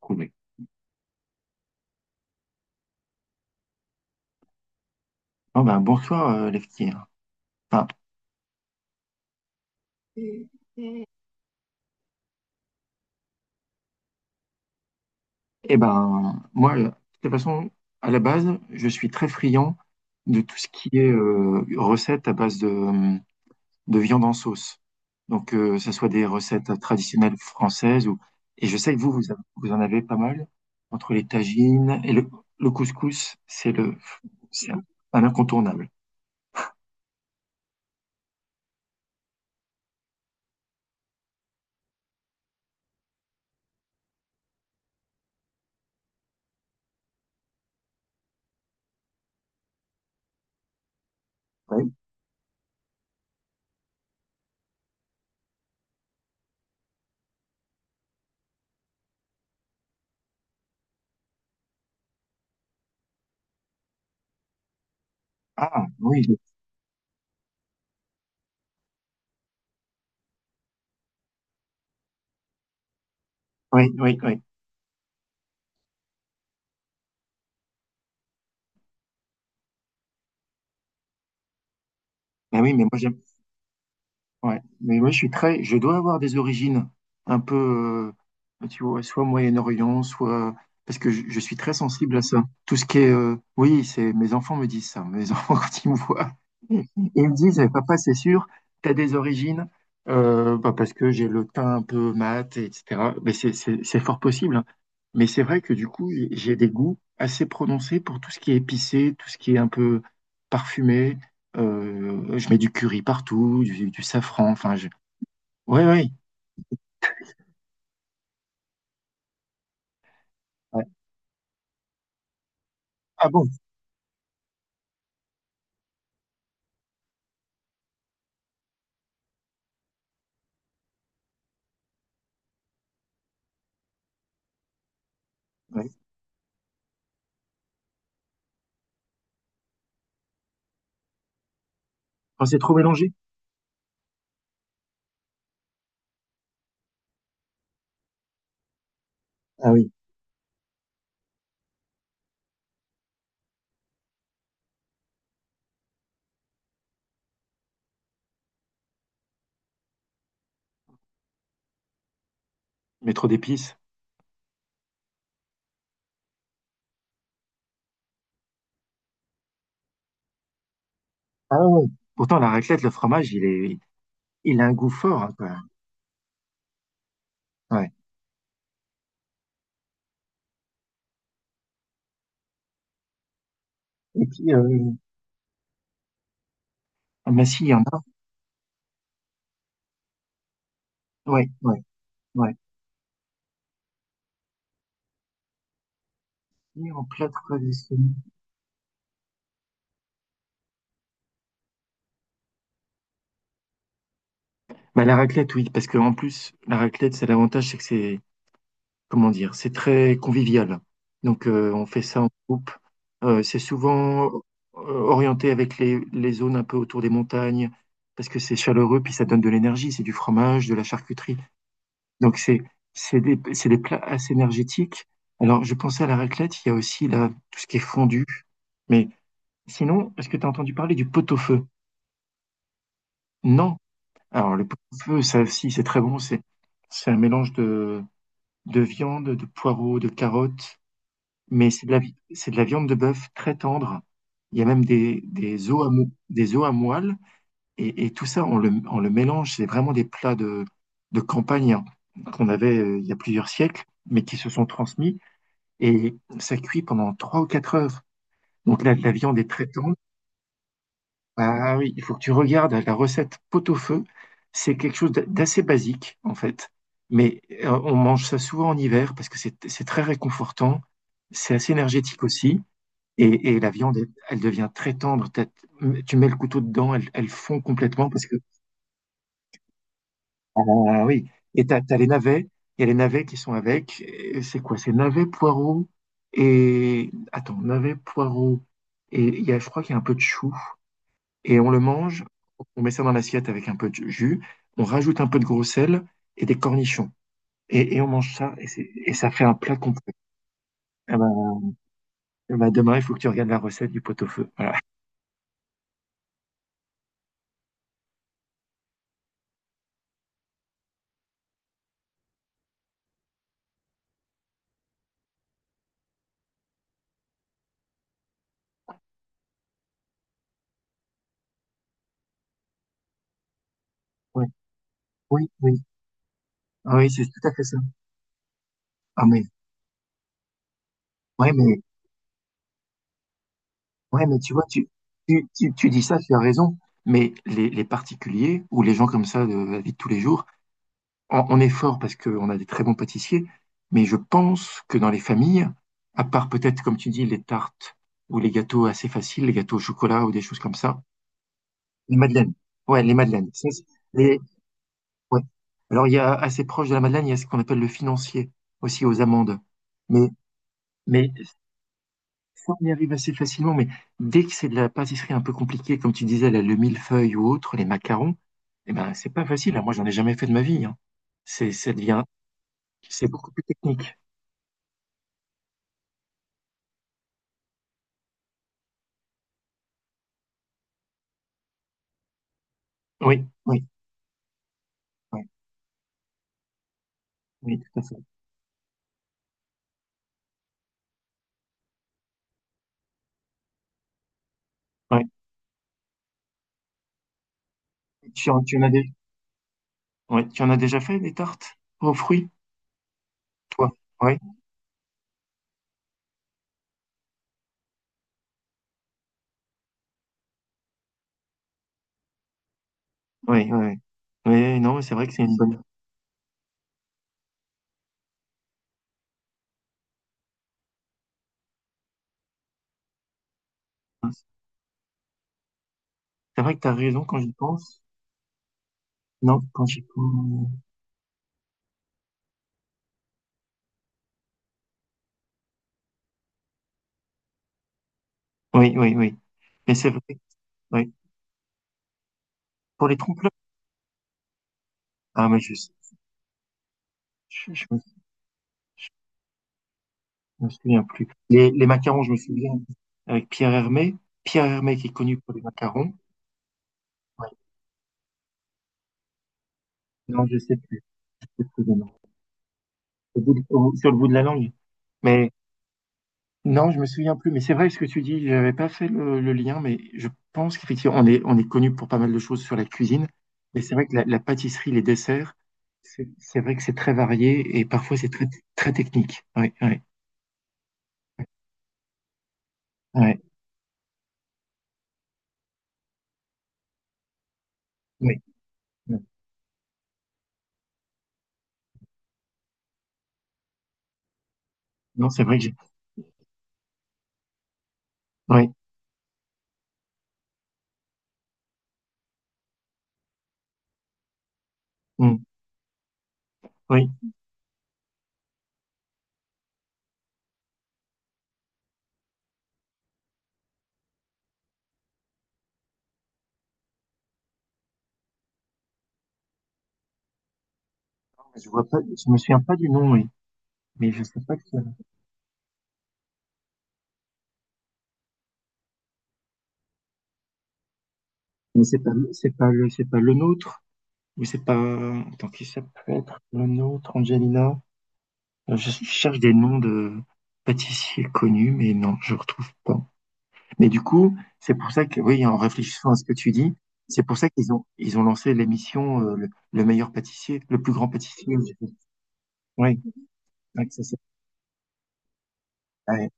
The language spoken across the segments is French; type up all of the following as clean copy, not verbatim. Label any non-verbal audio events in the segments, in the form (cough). Trouvé. Oh ben, bonsoir, les petits, hein. Enfin, mm. Eh ben, moi, de toute façon, à la base, je suis très friand de tout ce qui est recettes à base de viande en sauce. Donc, ce soit des recettes traditionnelles françaises ou... Et je sais que vous en avez pas mal, entre les tagines et le couscous, c'est un incontournable. Ouais. Ah, oui, oui, oui, oui. Ben oui, mais moi, j'aime. Ouais, mais moi je suis très, je dois avoir des origines un peu, tu vois, soit Moyen-Orient, soit parce que je suis très sensible à ça. Tout ce qui est, oui, c'est mes enfants me disent ça. Mes (laughs) enfants quand ils me voient, ils me disent, eh, papa, c'est sûr, t'as des origines, bah, parce que j'ai le teint un peu mat, etc. Mais c'est fort possible, hein. Mais c'est vrai que du coup, j'ai des goûts assez prononcés pour tout ce qui est épicé, tout ce qui est un peu parfumé. Je mets du curry partout, du safran, enfin je ouais, ouais, ouais. Ah bon? Ouais. Quand c'est trop mélangé? Ah oui, je mets trop d'épices. Ah ouais, ouais. Pourtant la raclette, le fromage, il est il a un goût fort, hein, quand ouais et puis, bah, si, il y en a ouais, ouais, ouais. Et en plat traditionnel? Bah, la raclette, oui, parce que en plus, la raclette, c'est l'avantage, c'est que c'est comment dire, c'est très convivial. Donc, on fait ça en groupe. C'est souvent orienté avec les zones un peu autour des montagnes, parce que c'est chaleureux, puis ça donne de l'énergie. C'est du fromage, de la charcuterie. Donc, c'est des plats assez énergétiques. Alors, je pensais à la raclette, il y a aussi là, tout ce qui est fondu. Mais sinon, est-ce que tu as entendu parler du pot-au-feu? Non. Alors, le pot-au-feu, ça aussi, c'est très bon. C'est un mélange de viande, de poireaux, de carottes. Mais c'est de la, c'est de la viande de bœuf très tendre. Il y a même des os à, des os à moelle. Et tout ça, on le mélange. C'est vraiment des plats de campagne, hein, qu'on avait il y a plusieurs siècles, mais qui se sont transmis. Et ça cuit pendant trois ou quatre heures. Donc là, la viande est très tendre. Ah oui, il faut que tu regardes la recette pot-au-feu. C'est quelque chose d'assez basique, en fait. Mais on mange ça souvent en hiver parce que c'est très réconfortant. C'est assez énergétique aussi. Et la viande, elle, elle devient très tendre. T'as- Tu mets le couteau dedans, elle, elle fond complètement parce que. Ah oui. Et t'as, t'as les navets. Il y a les navets qui sont avec. Et c'est quoi? C'est navets, poireaux et. Attends, navets, poireaux. Et il y a, je crois qu'il y a un peu de chou. Et on le mange. On met ça dans l'assiette avec un peu de jus. On rajoute un peu de gros sel et des cornichons. Et on mange ça. Et, et ça fait un plat complet. Ah bah, ah bah, demain, il faut que tu regardes la recette du pot-au-feu. Voilà. Ouais. Oui, oui. Ah oui, c'est tout à fait ça. Ah, mais ouais, mais, ouais, mais tu vois, tu dis ça, tu as raison, mais les particuliers ou les gens comme ça de la vie de tous les jours, on est fort parce qu'on a des très bons pâtissiers, mais je pense que dans les familles, à part peut-être, comme tu dis, les tartes ou les gâteaux assez faciles, les gâteaux au chocolat ou des choses comme ça, les madeleines. Ouais, les madeleines. Ça, les, ouais. Alors, il y a assez proche de la madeleine, il y a ce qu'on appelle le financier, aussi aux amandes. Mais, mais ça, on y arrive assez facilement, mais dès que c'est de la pâtisserie un peu compliquée, comme tu disais, là, le millefeuille ou autre, les macarons, eh ben, c'est pas facile, hein. Moi, j'en ai jamais fait de ma vie, hein. Ça devient, c'est beaucoup plus technique. Oui, oui, oui, oui, tout à fait. Ouais. Tu en as déjà, oui, tu en as déjà fait des tartes aux fruits, toi? Oui, oui, oui. Oui, oui, oui, non, c'est vrai que c'est une bonne. C'est vrai que tu as raison quand j'y pense. Non, quand j'y pense. Oui, oui, oui. Mais c'est vrai. Oui. Pour les trompe-l'œil. Ah, mais je, je, Je me souviens plus. Les macarons, je me souviens, avec Pierre Hermé. Pierre Hermé qui est connu pour les macarons. Ouais. Non, je sais plus. Je sais plus le nom. Au bout de- au- sur le bout de la langue. Mais non, je me souviens plus. Mais c'est vrai ce que tu dis. J'avais pas fait le lien, mais je pense qu'effectivement, on est connu pour pas mal de choses sur la cuisine. Mais c'est vrai que la pâtisserie, les desserts, c'est vrai que c'est très varié et parfois c'est très, très technique. Oui, oui, oui, oui. Non, c'est vrai que j'ai. Oui, hum, oui. Je vois pas, je me souviens pas du nom, oui, mais je sais pas qui. Mais c'est pas, c'est pas le nôtre. Ou c'est pas. Attends, qui ça peut être le nôtre, Angelina? Je cherche des noms de pâtissiers connus, mais non, je retrouve pas. Mais du coup, c'est pour ça que, oui, en réfléchissant à ce que tu dis, c'est pour ça qu'ils ont, ils ont lancé l'émission le meilleur pâtissier, le plus grand pâtissier. Oui, ouais, que ça, ouais.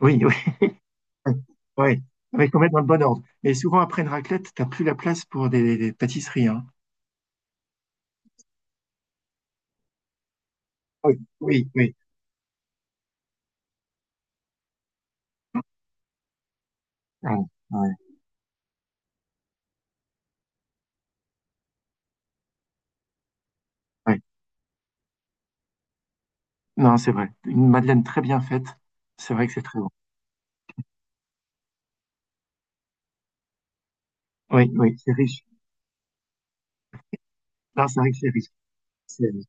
Oui, oui. (laughs) Oui, mais quand même dans le bon ordre. Mais souvent, après une raclette, t'as plus la place pour des pâtisseries, hein. Oui, oui, oui. Ouais, ouais, ouais. Non, c'est vrai. Une madeleine très bien faite, c'est vrai que c'est très bon. Oui, oui, c'est riche. Non, c'est vrai que c'est riche. C'est riche.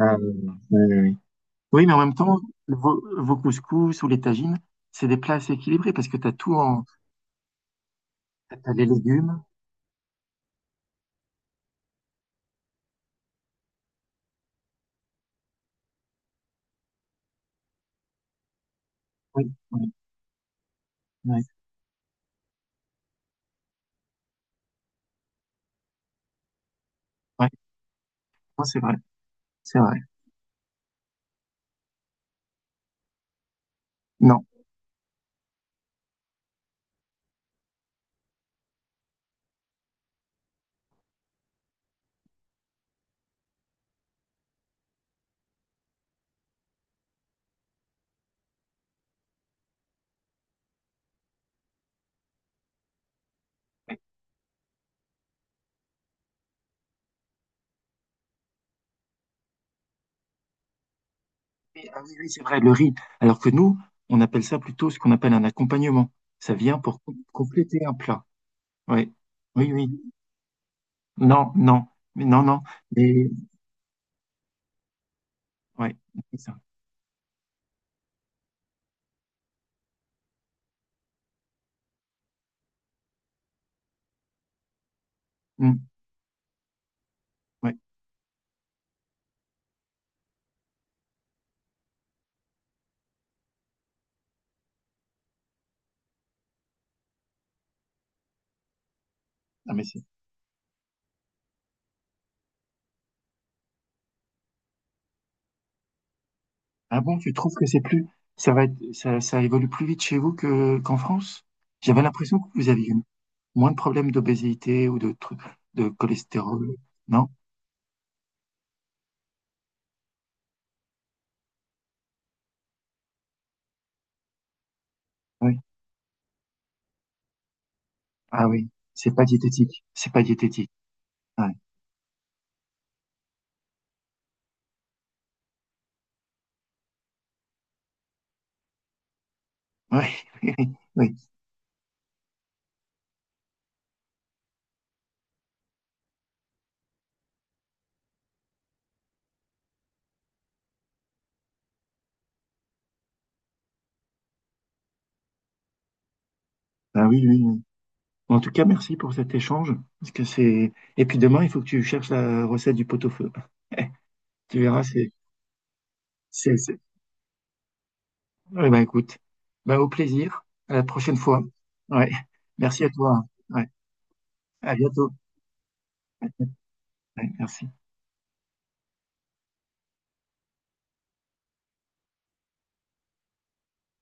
Euh, oui, oui. Oui, mais en même temps, vos couscous ou les tagines, c'est des plats assez équilibrés parce que tu as tout en... T'as les légumes. Oui, oui, oui. Ouais. Non, c'est vrai, c'est vrai. Non. Mais- mais, ah oui, oui, c'est vrai, le riz. Alors que nous, on appelle ça plutôt ce qu'on appelle un accompagnement. Ça vient pour compléter un plat. Oui, oui, oui. Non, non, mais non, non. Ouais, c'est ça. Mm, ouais. Ah, mais c'est... ah bon, tu trouves que c'est plus, ça va être, ça évolue plus vite chez vous que, qu'en France? J'avais l'impression que vous aviez eu moins de problèmes d'obésité ou de trucs, de cholestérol. Non? Oui. Ah oui. C'est pas diététique. C'est pas diététique. Ouais. Ouais. (laughs) Oui. Oui. Oui. Ah oui, oui, oui. En tout cas, merci pour cet échange. Parce que c'est, et puis demain, il faut que tu cherches la recette du pot-au-feu. (laughs) Tu verras, c'est, eh ben, écoute, ben, au plaisir. À la prochaine fois. Ouais. Merci à toi. Ouais. À bientôt. Ouais, merci.